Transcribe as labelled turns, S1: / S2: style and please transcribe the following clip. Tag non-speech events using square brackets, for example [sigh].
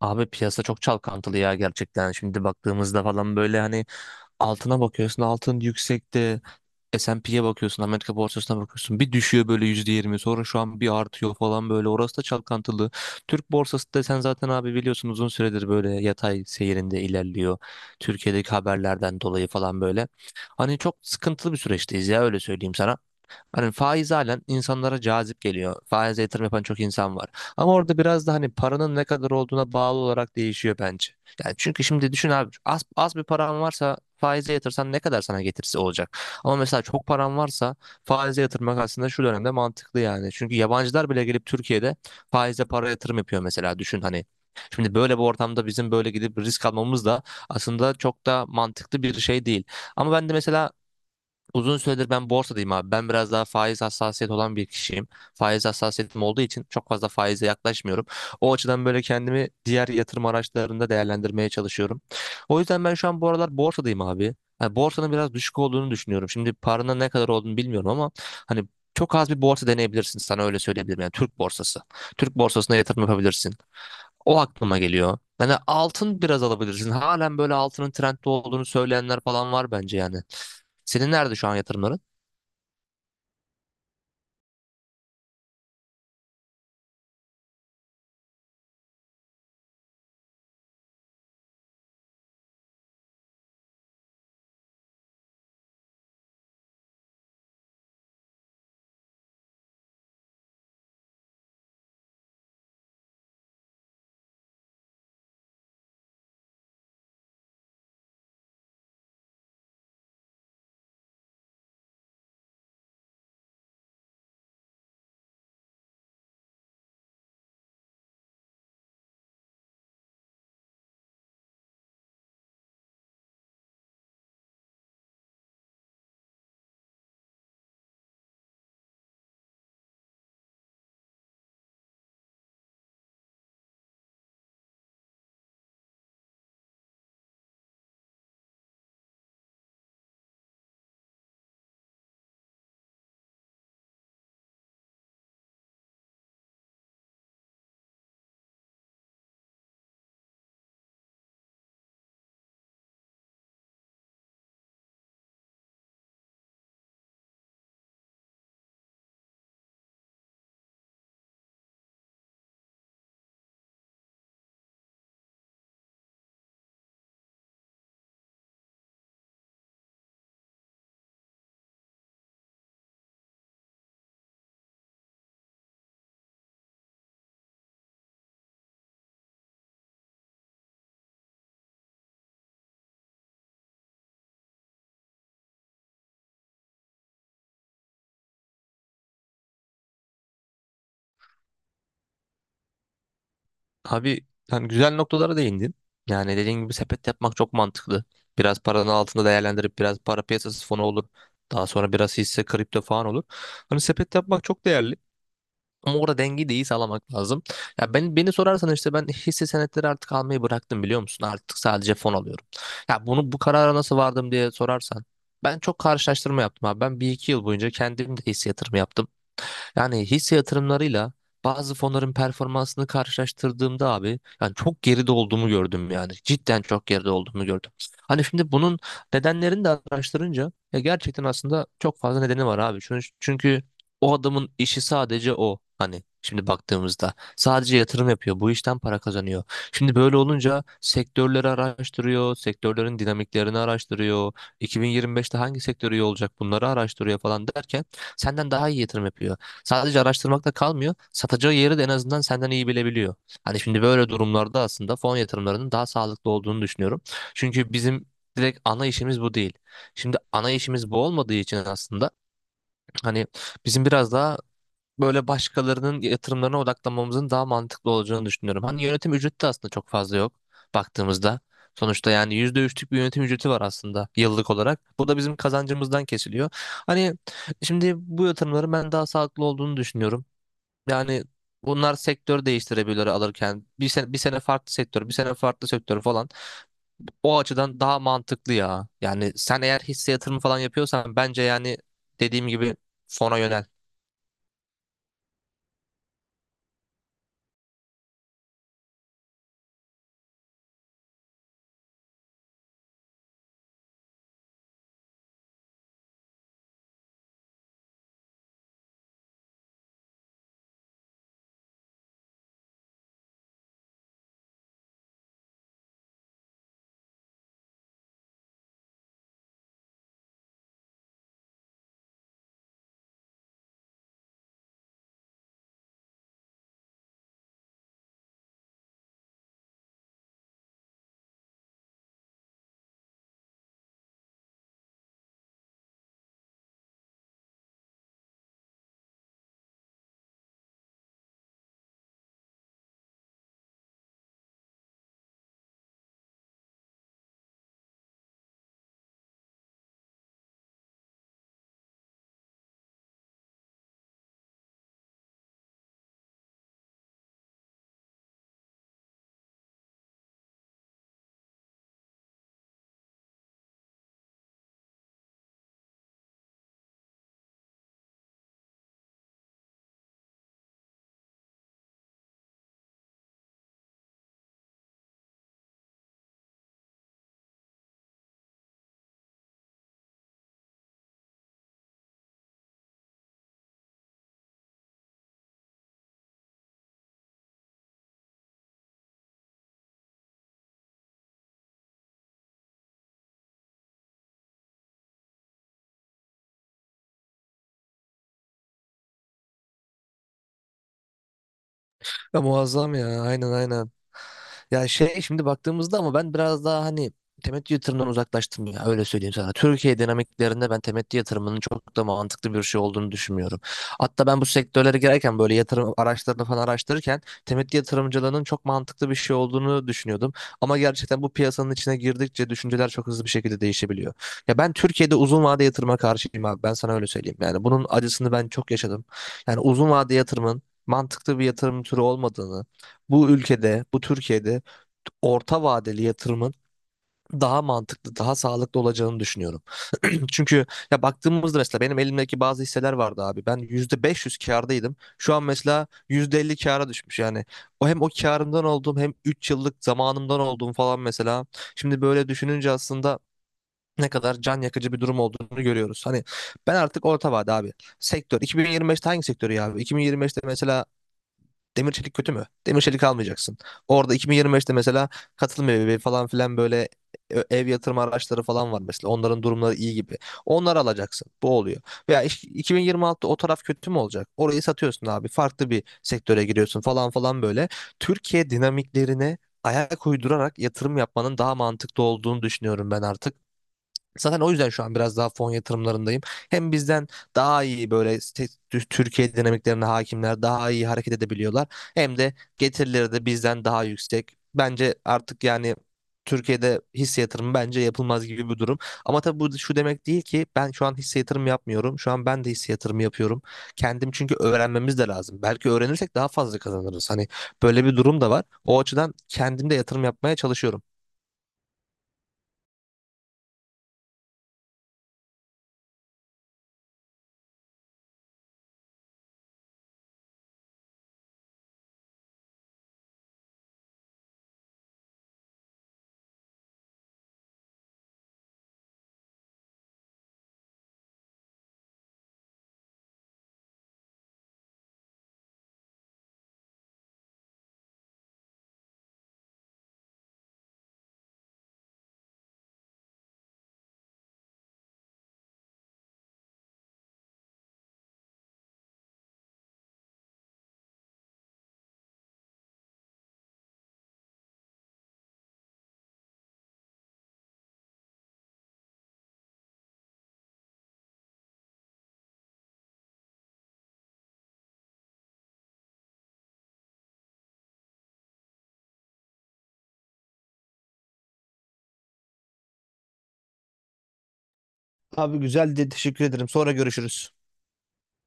S1: Abi piyasa çok çalkantılı ya gerçekten. Şimdi baktığımızda falan böyle hani altına bakıyorsun altın yüksekte. S&P'ye bakıyorsun Amerika borsasına bakıyorsun. Bir düşüyor böyle %20 sonra şu an bir artıyor falan böyle. Orası da çalkantılı. Türk borsası da sen zaten abi biliyorsun uzun süredir böyle yatay seyrinde ilerliyor. Türkiye'deki haberlerden dolayı falan böyle. Hani çok sıkıntılı bir süreçteyiz ya öyle söyleyeyim sana. Hani faiz halen insanlara cazip geliyor. Faize yatırım yapan çok insan var. Ama orada biraz da hani paranın ne kadar olduğuna bağlı olarak değişiyor bence. Yani çünkü şimdi düşün abi az bir paran varsa faize yatırsan ne kadar sana getirisi olacak. Ama mesela çok paran varsa faize yatırmak aslında şu dönemde mantıklı yani. Çünkü yabancılar bile gelip Türkiye'de faize para yatırım yapıyor mesela düşün hani. Şimdi böyle bir ortamda bizim böyle gidip risk almamız da aslında çok da mantıklı bir şey değil. Ama ben de mesela uzun süredir ben borsadayım abi. Ben biraz daha faiz hassasiyet olan bir kişiyim. Faiz hassasiyetim olduğu için çok fazla faize yaklaşmıyorum. O açıdan böyle kendimi diğer yatırım araçlarında değerlendirmeye çalışıyorum. O yüzden ben şu an bu aralar borsadayım abi. Yani borsanın biraz düşük olduğunu düşünüyorum. Şimdi paranın ne kadar olduğunu bilmiyorum ama hani çok az bir borsa deneyebilirsin sana öyle söyleyebilirim. Yani Türk borsası. Türk borsasına yatırım yapabilirsin. O aklıma geliyor. Yani altın biraz alabilirsin. Halen böyle altının trendde olduğunu söyleyenler falan var bence yani. Senin nerede şu an yatırımların? Abi yani güzel noktalara değindin. Yani dediğin gibi sepet yapmak çok mantıklı. Biraz paranın altında değerlendirip biraz para piyasası fonu olur. Daha sonra biraz hisse kripto falan olur. Hani sepet yapmak çok değerli. Ama orada dengeyi de iyi sağlamak lazım. Ya ben beni sorarsan işte ben hisse senetleri artık almayı bıraktım biliyor musun? Artık sadece fon alıyorum. Ya bunu bu karara nasıl vardım diye sorarsan ben çok karşılaştırma yaptım abi. Ben bir iki yıl boyunca kendim de hisse yatırımı yaptım. Yani hisse yatırımlarıyla bazı fonların performansını karşılaştırdığımda abi yani çok geride olduğumu gördüm yani. Cidden çok geride olduğumu gördüm. Hani şimdi bunun nedenlerini de araştırınca ya gerçekten aslında çok fazla nedeni var abi. Çünkü o adamın işi sadece o. Hani şimdi baktığımızda sadece yatırım yapıyor. Bu işten para kazanıyor. Şimdi böyle olunca sektörleri araştırıyor, sektörlerin dinamiklerini araştırıyor. 2025'te hangi sektör iyi olacak bunları araştırıyor falan derken senden daha iyi yatırım yapıyor. Sadece araştırmakta kalmıyor. Satacağı yeri de en azından senden iyi bilebiliyor. Hani şimdi böyle durumlarda aslında fon yatırımlarının daha sağlıklı olduğunu düşünüyorum. Çünkü bizim direkt ana işimiz bu değil. Şimdi ana işimiz bu olmadığı için aslında hani bizim biraz daha böyle başkalarının yatırımlarına odaklanmamızın daha mantıklı olacağını düşünüyorum. Hani yönetim ücreti de aslında çok fazla yok baktığımızda. Sonuçta yani %3'lük bir yönetim ücreti var aslında yıllık olarak. Bu da bizim kazancımızdan kesiliyor. Hani şimdi bu yatırımların ben daha sağlıklı olduğunu düşünüyorum. Yani bunlar sektör değiştirebilir alırken. Bir sene, bir sene farklı sektör, bir sene farklı sektör falan. O açıdan daha mantıklı ya. Yani sen eğer hisse yatırımı falan yapıyorsan bence yani dediğim gibi fona yönel. Ya muazzam ya, aynen aynen. Ya şey şimdi baktığımızda ama ben biraz daha hani temettü yatırımından uzaklaştım ya öyle söyleyeyim sana. Türkiye dinamiklerinde ben temettü yatırımının çok da mantıklı bir şey olduğunu düşünmüyorum. Hatta ben bu sektörlere girerken böyle yatırım araçlarını falan araştırırken temettü yatırımcılığının çok mantıklı bir şey olduğunu düşünüyordum. Ama gerçekten bu piyasanın içine girdikçe düşünceler çok hızlı bir şekilde değişebiliyor. Ya ben Türkiye'de uzun vade yatırıma karşıyım abi ben sana öyle söyleyeyim. Yani bunun acısını ben çok yaşadım. Yani uzun vade yatırımın mantıklı bir yatırım türü olmadığını, bu ülkede, bu Türkiye'de orta vadeli yatırımın daha mantıklı, daha sağlıklı olacağını düşünüyorum. [clears throat] Çünkü ya baktığımızda mesela benim elimdeki bazı hisseler vardı abi. Ben %500 kârdaydım. Şu an mesela %50 kâra düşmüş. Yani o hem o kârımdan olduğum hem 3 yıllık zamanımdan olduğum falan mesela. Şimdi böyle düşününce aslında ne kadar can yakıcı bir durum olduğunu görüyoruz. Hani ben artık orta vade abi. Sektör. 2025'te hangi sektörü ya abi? 2025'te mesela demir çelik kötü mü? Demir çelik almayacaksın. Orada 2025'te mesela katılım evi falan filan böyle ev yatırma araçları falan var mesela. Onların durumları iyi gibi. Onları alacaksın. Bu oluyor. Veya 2026'da o taraf kötü mü olacak? Orayı satıyorsun abi. Farklı bir sektöre giriyorsun falan falan böyle. Türkiye dinamiklerine ayak uydurarak yatırım yapmanın daha mantıklı olduğunu düşünüyorum ben artık. Zaten o yüzden şu an biraz daha fon yatırımlarındayım. Hem bizden daha iyi böyle Türkiye dinamiklerine hakimler daha iyi hareket edebiliyorlar. Hem de getirileri de bizden daha yüksek. Bence artık yani Türkiye'de hisse yatırımı bence yapılmaz gibi bir durum. Ama tabii bu şu demek değil ki ben şu an hisse yatırımı yapmıyorum. Şu an ben de hisse yatırımı yapıyorum. Kendim çünkü öğrenmemiz de lazım. Belki öğrenirsek daha fazla kazanırız. Hani böyle bir durum da var. O açıdan kendim de yatırım yapmaya çalışıyorum. Abi güzel de teşekkür ederim. Sonra görüşürüz.